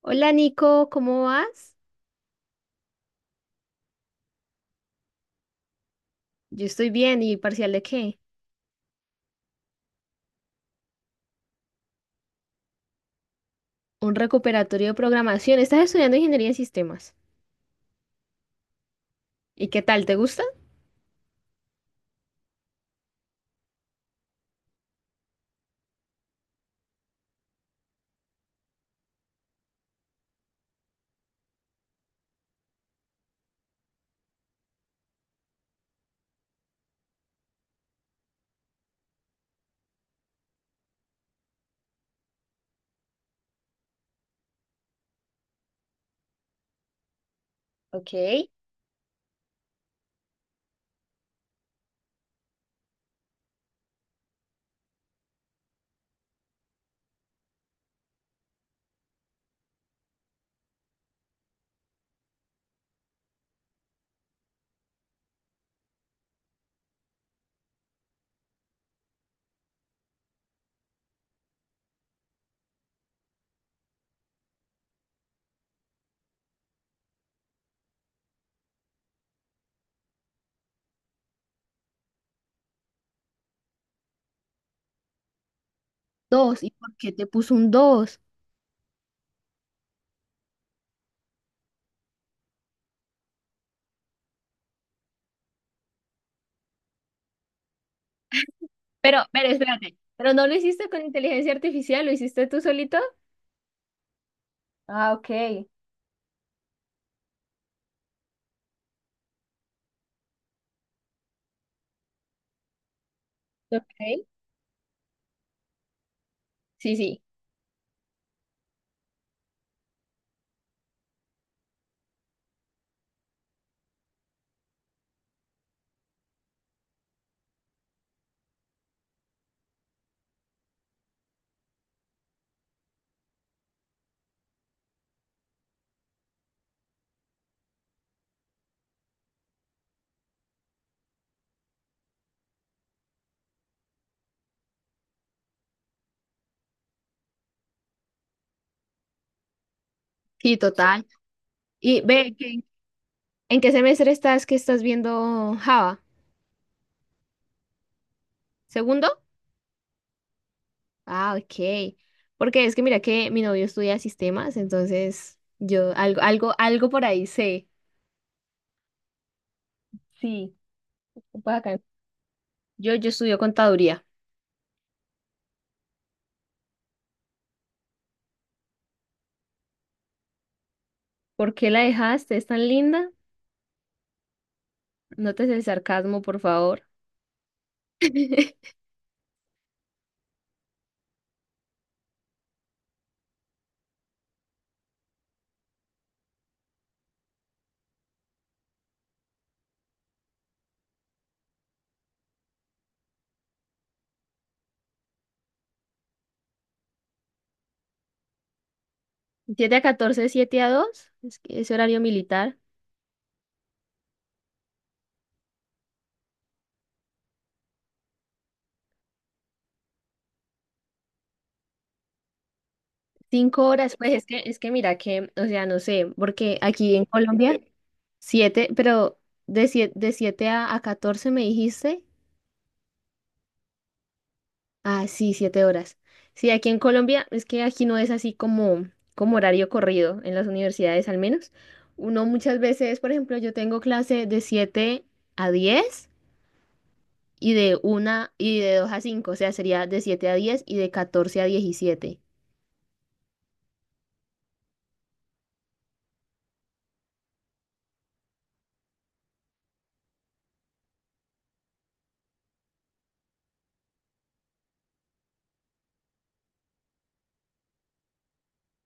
Hola Nico, ¿cómo vas? Yo estoy bien, ¿y parcial de qué? Un recuperatorio de programación. Estás estudiando ingeniería en sistemas. ¿Y qué tal? ¿Te gusta? Ok. Dos. ¿Y por qué te puso un dos? Pero espérate. ¿Pero no lo hiciste con inteligencia artificial? ¿Lo hiciste tú solito? Ah, ok. Ok. Sí, sí. Sí, total. Y ve, ¿qué- ¿en qué semestre estás que estás viendo Java? ¿Segundo? Ah, ok. Porque es que mira que mi novio estudia sistemas, entonces yo algo, algo, algo por ahí sé. Sí, pues acá. Yo estudio contaduría. ¿Por qué la dejaste? ¿Es tan linda? Notes el sarcasmo, por favor. Siete a catorce, siete a 2. Es que es horario militar. Cinco horas, pues es que mira que, o sea, no sé, porque aquí en Colombia, siete, pero de siete, de 7 a 14 me dijiste. Ah, sí, siete horas. Sí, aquí en Colombia es que aquí no es así como, como horario corrido, en las universidades al menos. Uno muchas veces, por ejemplo, yo tengo clase de siete a diez y de una y de 2 a cinco. O sea, sería de 7 a 10 y de catorce a 17.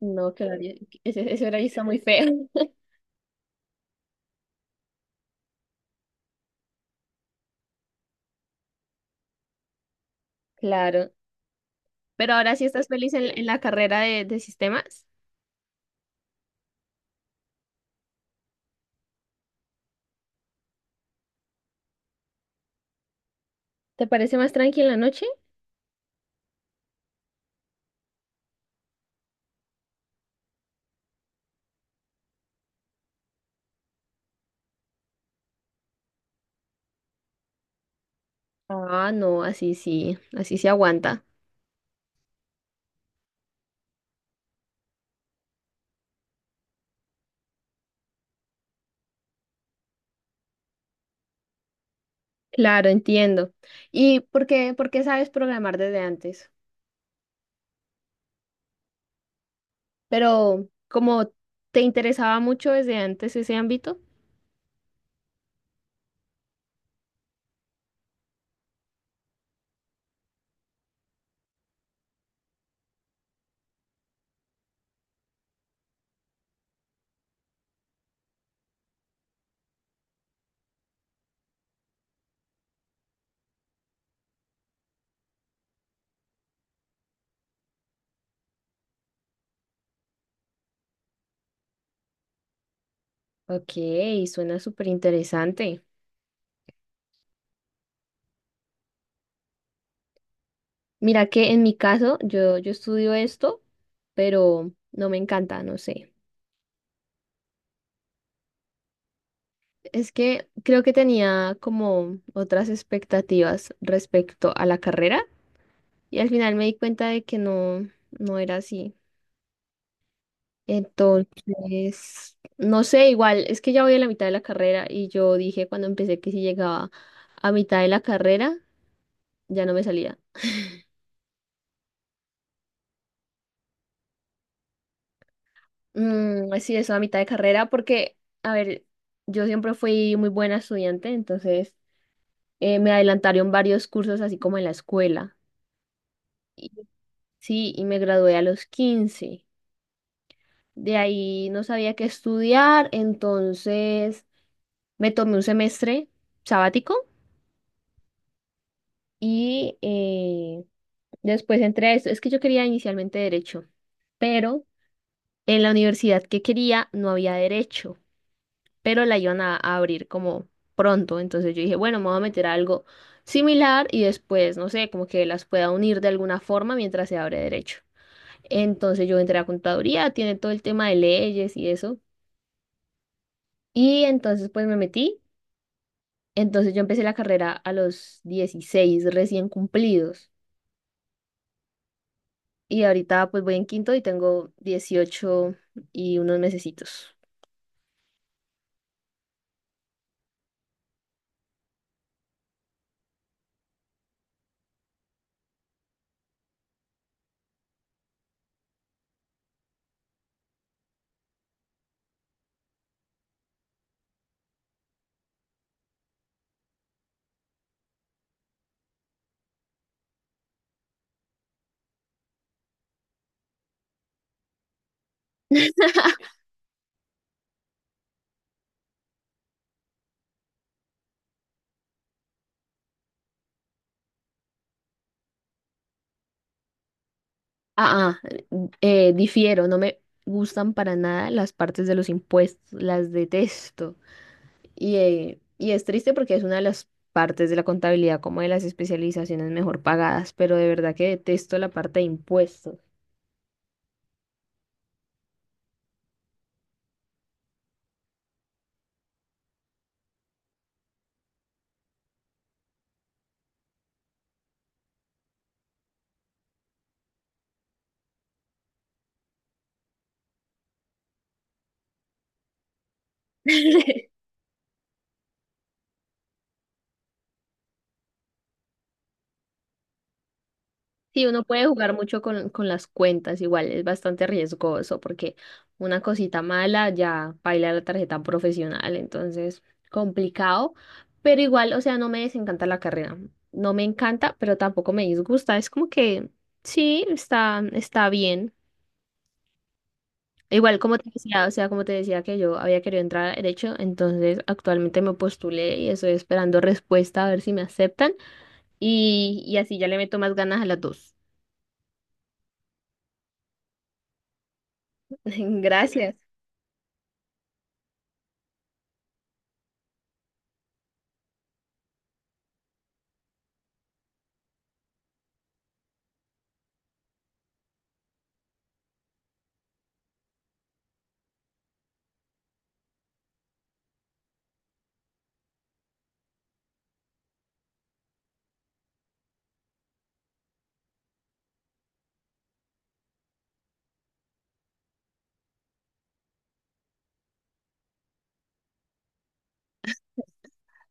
No, qué horario, ese horario está muy feo. Claro. Pero ahora sí estás feliz en la carrera de sistemas. ¿Te parece más tranquila la noche? Ah, no, así sí aguanta. Claro, entiendo. ¿Y por qué sabes programar desde antes? Pero como te interesaba mucho desde antes ese ámbito. Ok, suena súper interesante. Mira que en mi caso yo estudio esto, pero no me encanta, no sé. Es que creo que tenía como otras expectativas respecto a la carrera. Y al final me di cuenta de que no, no era así. Entonces, no sé, igual, es que ya voy a la mitad de la carrera y yo dije cuando empecé que si llegaba a mitad de la carrera, ya no me salía. Mm, sí, eso a mitad de carrera porque, a ver, yo siempre fui muy buena estudiante, entonces me adelantaron varios cursos así como en la escuela. Y- Sí, y me gradué a los quince. De ahí no sabía qué estudiar, entonces me tomé un semestre sabático y después entré a esto. Es que yo quería inicialmente derecho, pero en la universidad que quería no había derecho, pero la iban a abrir como pronto. Entonces yo dije, bueno, me voy a meter a algo similar y después, no sé, como que las pueda unir de alguna forma mientras se abre derecho. Entonces yo entré a contaduría, tiene todo el tema de leyes y eso. Y entonces pues me metí. Entonces yo empecé la carrera a los 16 recién cumplidos. Y ahorita pues voy en quinto y tengo 18 y unos mesecitos. Ah, ah, difiero, no me gustan para nada las partes de los impuestos, las detesto. Y es triste porque es una de las partes de la contabilidad, como de las especializaciones mejor pagadas, pero de verdad que detesto la parte de impuestos. Sí, uno puede jugar mucho con las cuentas, igual es bastante riesgoso porque una cosita mala ya baila la tarjeta profesional, entonces complicado, pero igual, o sea, no me desencanta la carrera, no me encanta, pero tampoco me disgusta, es como que sí, está, está bien. Igual como te decía, o sea, como te decía que yo había querido entrar a derecho, entonces actualmente me postulé y estoy esperando respuesta a ver si me aceptan y así ya le meto más ganas a las dos. Gracias.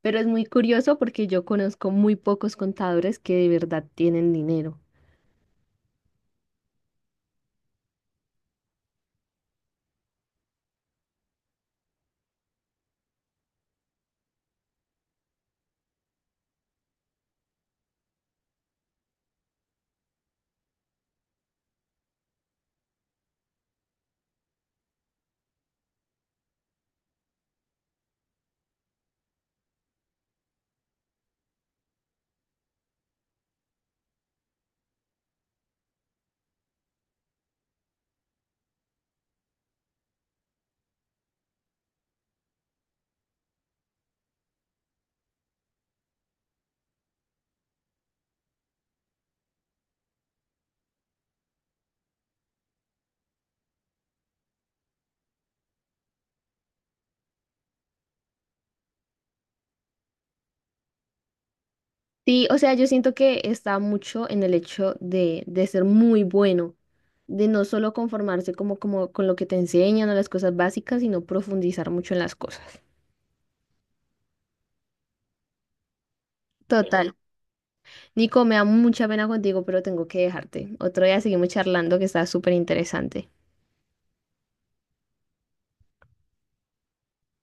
Pero es muy curioso porque yo conozco muy pocos contadores que de verdad tienen dinero. Sí, o sea, yo siento que está mucho en el hecho de ser muy bueno, de no solo conformarse como, como con lo que te enseñan o las cosas básicas, sino profundizar mucho en las cosas. Total. Nico, me da mucha pena contigo, pero tengo que dejarte. Otro día seguimos charlando que está súper interesante.